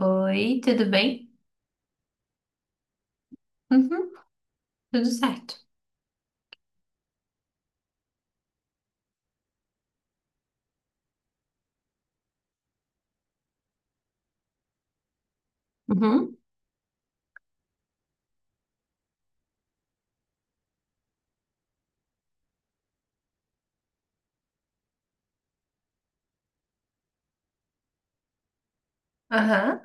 Oi, tudo bem? Uhum, tudo certo. Uhum, aham,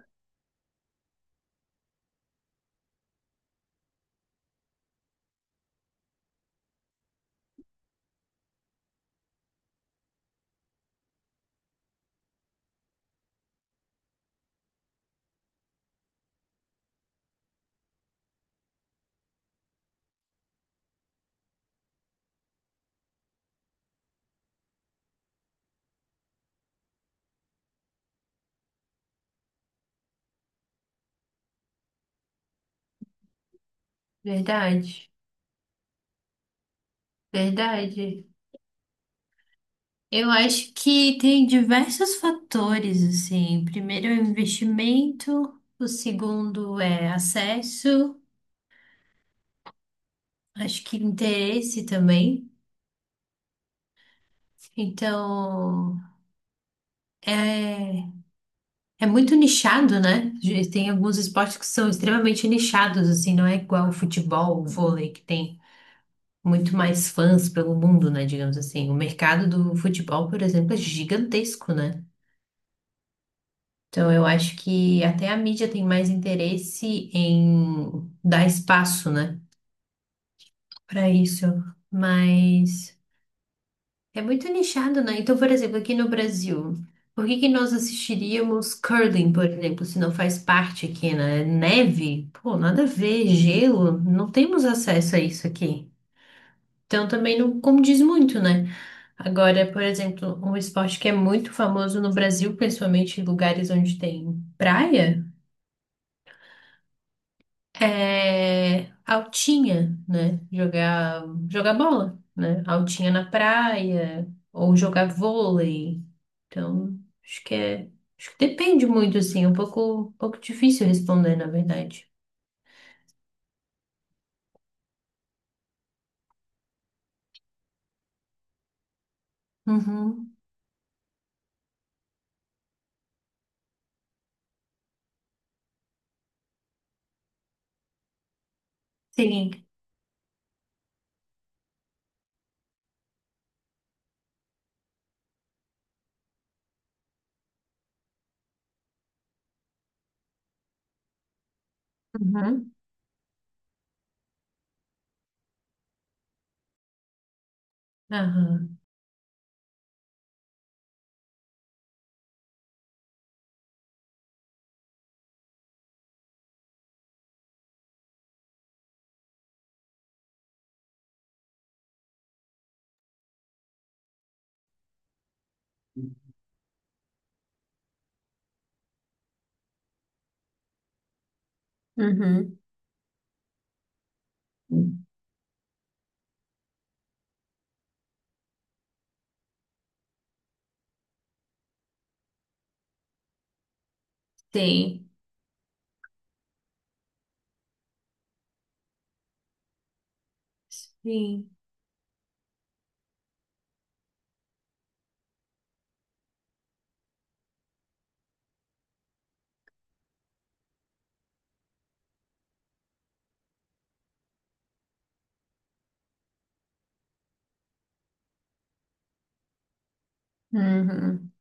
verdade, verdade. Eu acho que tem diversos fatores, assim. Primeiro é o investimento, o segundo é acesso, acho que interesse também. Então, é, é muito nichado, né? Tem alguns esportes que são extremamente nichados, assim, não é igual o futebol, o vôlei que tem muito mais fãs pelo mundo, né? Digamos assim. O mercado do futebol, por exemplo, é gigantesco, né? Então eu acho que até a mídia tem mais interesse em dar espaço, né? Para isso. Mas é muito nichado, né? Então, por exemplo, aqui no Brasil. Por que que nós assistiríamos curling, por exemplo, se não faz parte aqui, né? Neve? Pô, nada a ver, gelo, não temos acesso a isso aqui. Então também não condiz muito, né? Agora, por exemplo, um esporte que é muito famoso no Brasil, principalmente em lugares onde tem praia, é altinha, né? Jogar bola, né? Altinha na praia, ou jogar vôlei. Então, acho que é, acho que depende muito, assim, é um pouco difícil responder, na verdade. Uhum. Sim. Uhum. Aham. Uhum. Sim. Sim. Uhum.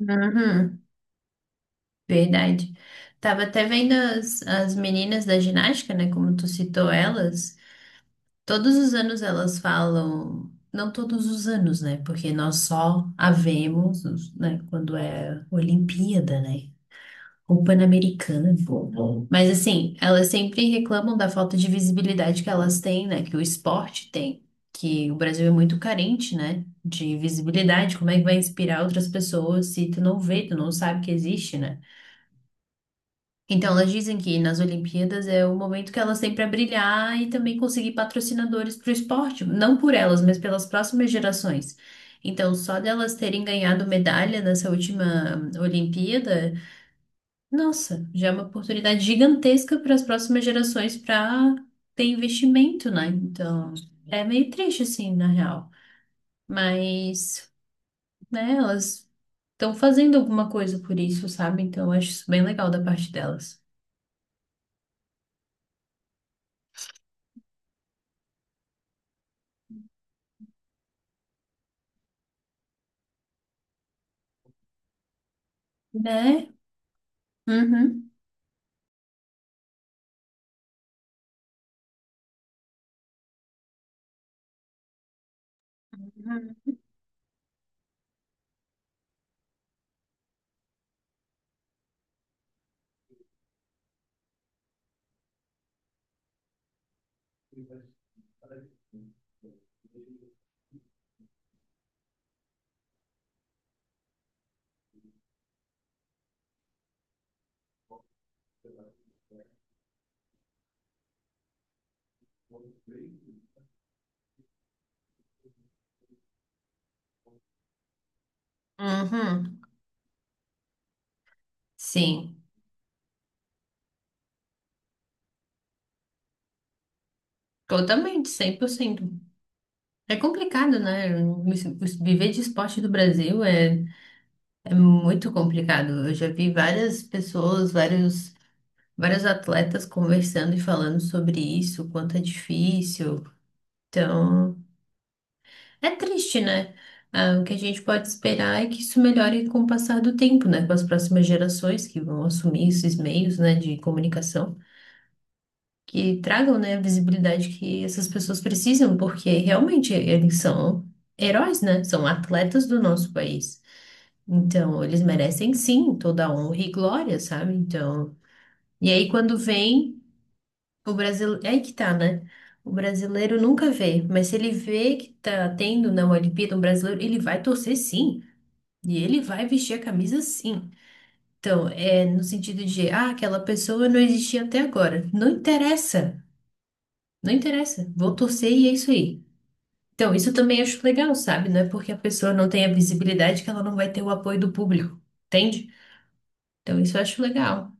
Uhum. Verdade. Tava até vendo as meninas da ginástica, né? Como tu citou elas. Todos os anos elas falam. Não todos os anos, né? Porque nós só a vemos, né? Quando é Olimpíada, né? Ou Pan-Americana. Uhum. Mas assim, elas sempre reclamam da falta de visibilidade que elas têm, né? Que o esporte tem. Que o Brasil é muito carente, né? De visibilidade. Como é que vai inspirar outras pessoas se tu não vê, tu não sabe que existe, né? Então, elas dizem que nas Olimpíadas é o momento que elas têm para brilhar e também conseguir patrocinadores para o esporte, não por elas, mas pelas próximas gerações. Então, só delas terem ganhado medalha nessa última Olimpíada, nossa, já é uma oportunidade gigantesca para as próximas gerações para ter investimento, né? Então, é meio triste assim, na real. Mas, né, elas estão fazendo alguma coisa por isso, sabe? Então, eu acho isso bem legal da parte delas. Né? Uhum. Uhum. Uhum. Sim, totalmente, cem por cento. É complicado, né? Viver de esporte do Brasil é, é muito complicado. Eu já vi várias pessoas, vários atletas conversando e falando sobre isso, o quanto é difícil. Então, é triste, né? Ah, o que a gente pode esperar é que isso melhore com o passar do tempo, né? Com as próximas gerações que vão assumir esses meios, né, de comunicação. Que tragam, né, a visibilidade que essas pessoas precisam, porque realmente eles são heróis, né? São atletas do nosso país. Então, eles merecem sim toda a honra e glória, sabe? Então, e aí quando vem o Brasil, é aí que tá, né? O brasileiro nunca vê, mas se ele vê que tá tendo na Olimpíada um brasileiro, ele vai torcer sim, e ele vai vestir a camisa sim. Então, é no sentido de, ah, aquela pessoa não existia até agora. Não interessa. Não interessa, vou torcer e é isso aí. Então, isso também acho legal, sabe? Não é porque a pessoa não tem a visibilidade que ela não vai ter o apoio do público, entende? Então, isso eu acho legal.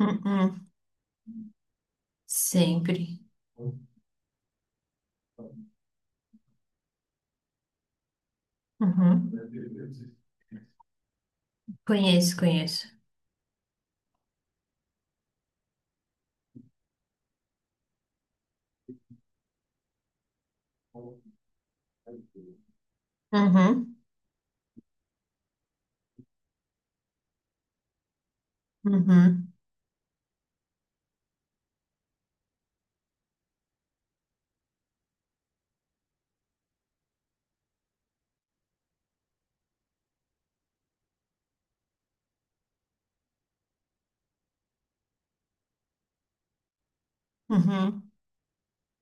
Uhum. Sempre. Uhum. Conheço, conheço. Uhum. Uhum. Uhum.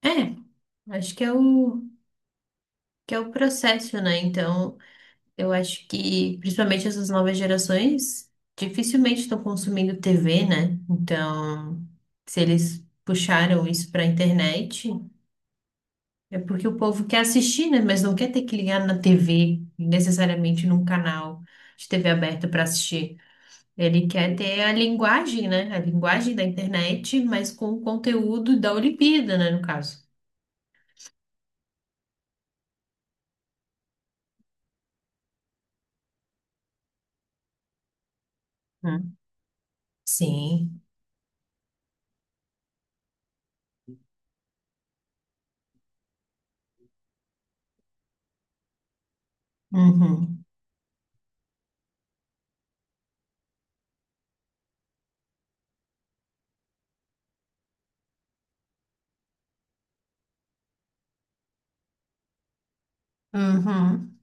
É, acho que é o processo, né? Então, eu acho que, principalmente essas novas gerações, dificilmente estão consumindo TV, né? Então, se eles puxaram isso para a internet. É porque o povo quer assistir, né? Mas não quer ter que ligar na TV, necessariamente num canal de TV aberta para assistir. Ele quer ter a linguagem, né? A linguagem da internet, mas com o conteúdo da Olimpíada, né? No caso. Hum. Sim. Uhum. Uhum.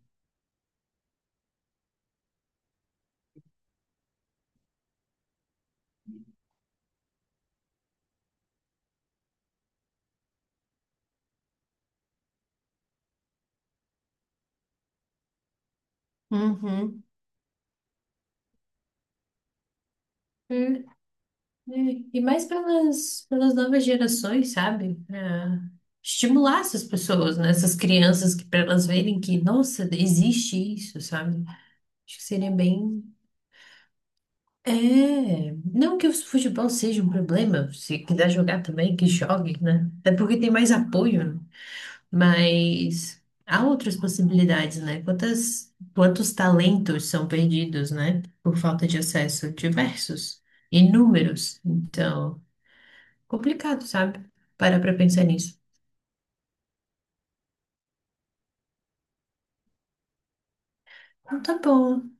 Uhum. E, e mais pelas novas gerações, sabe? É, estimular essas pessoas, né? Essas crianças que para elas verem que, nossa, existe isso, sabe? Acho que seria bem. É, não que o futebol seja um problema, se quiser jogar também, que jogue, né? É porque tem mais apoio, né? Mas há outras possibilidades, né? Quantos talentos são perdidos, né? Por falta de acesso, diversos, inúmeros. Então, complicado, sabe? Parar pra pensar nisso. Então tá bom,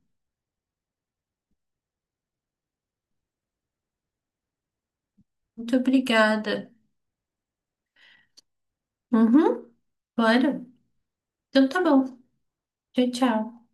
muito obrigada. Uhum, bora. Então tá bom. Tchau, tchau.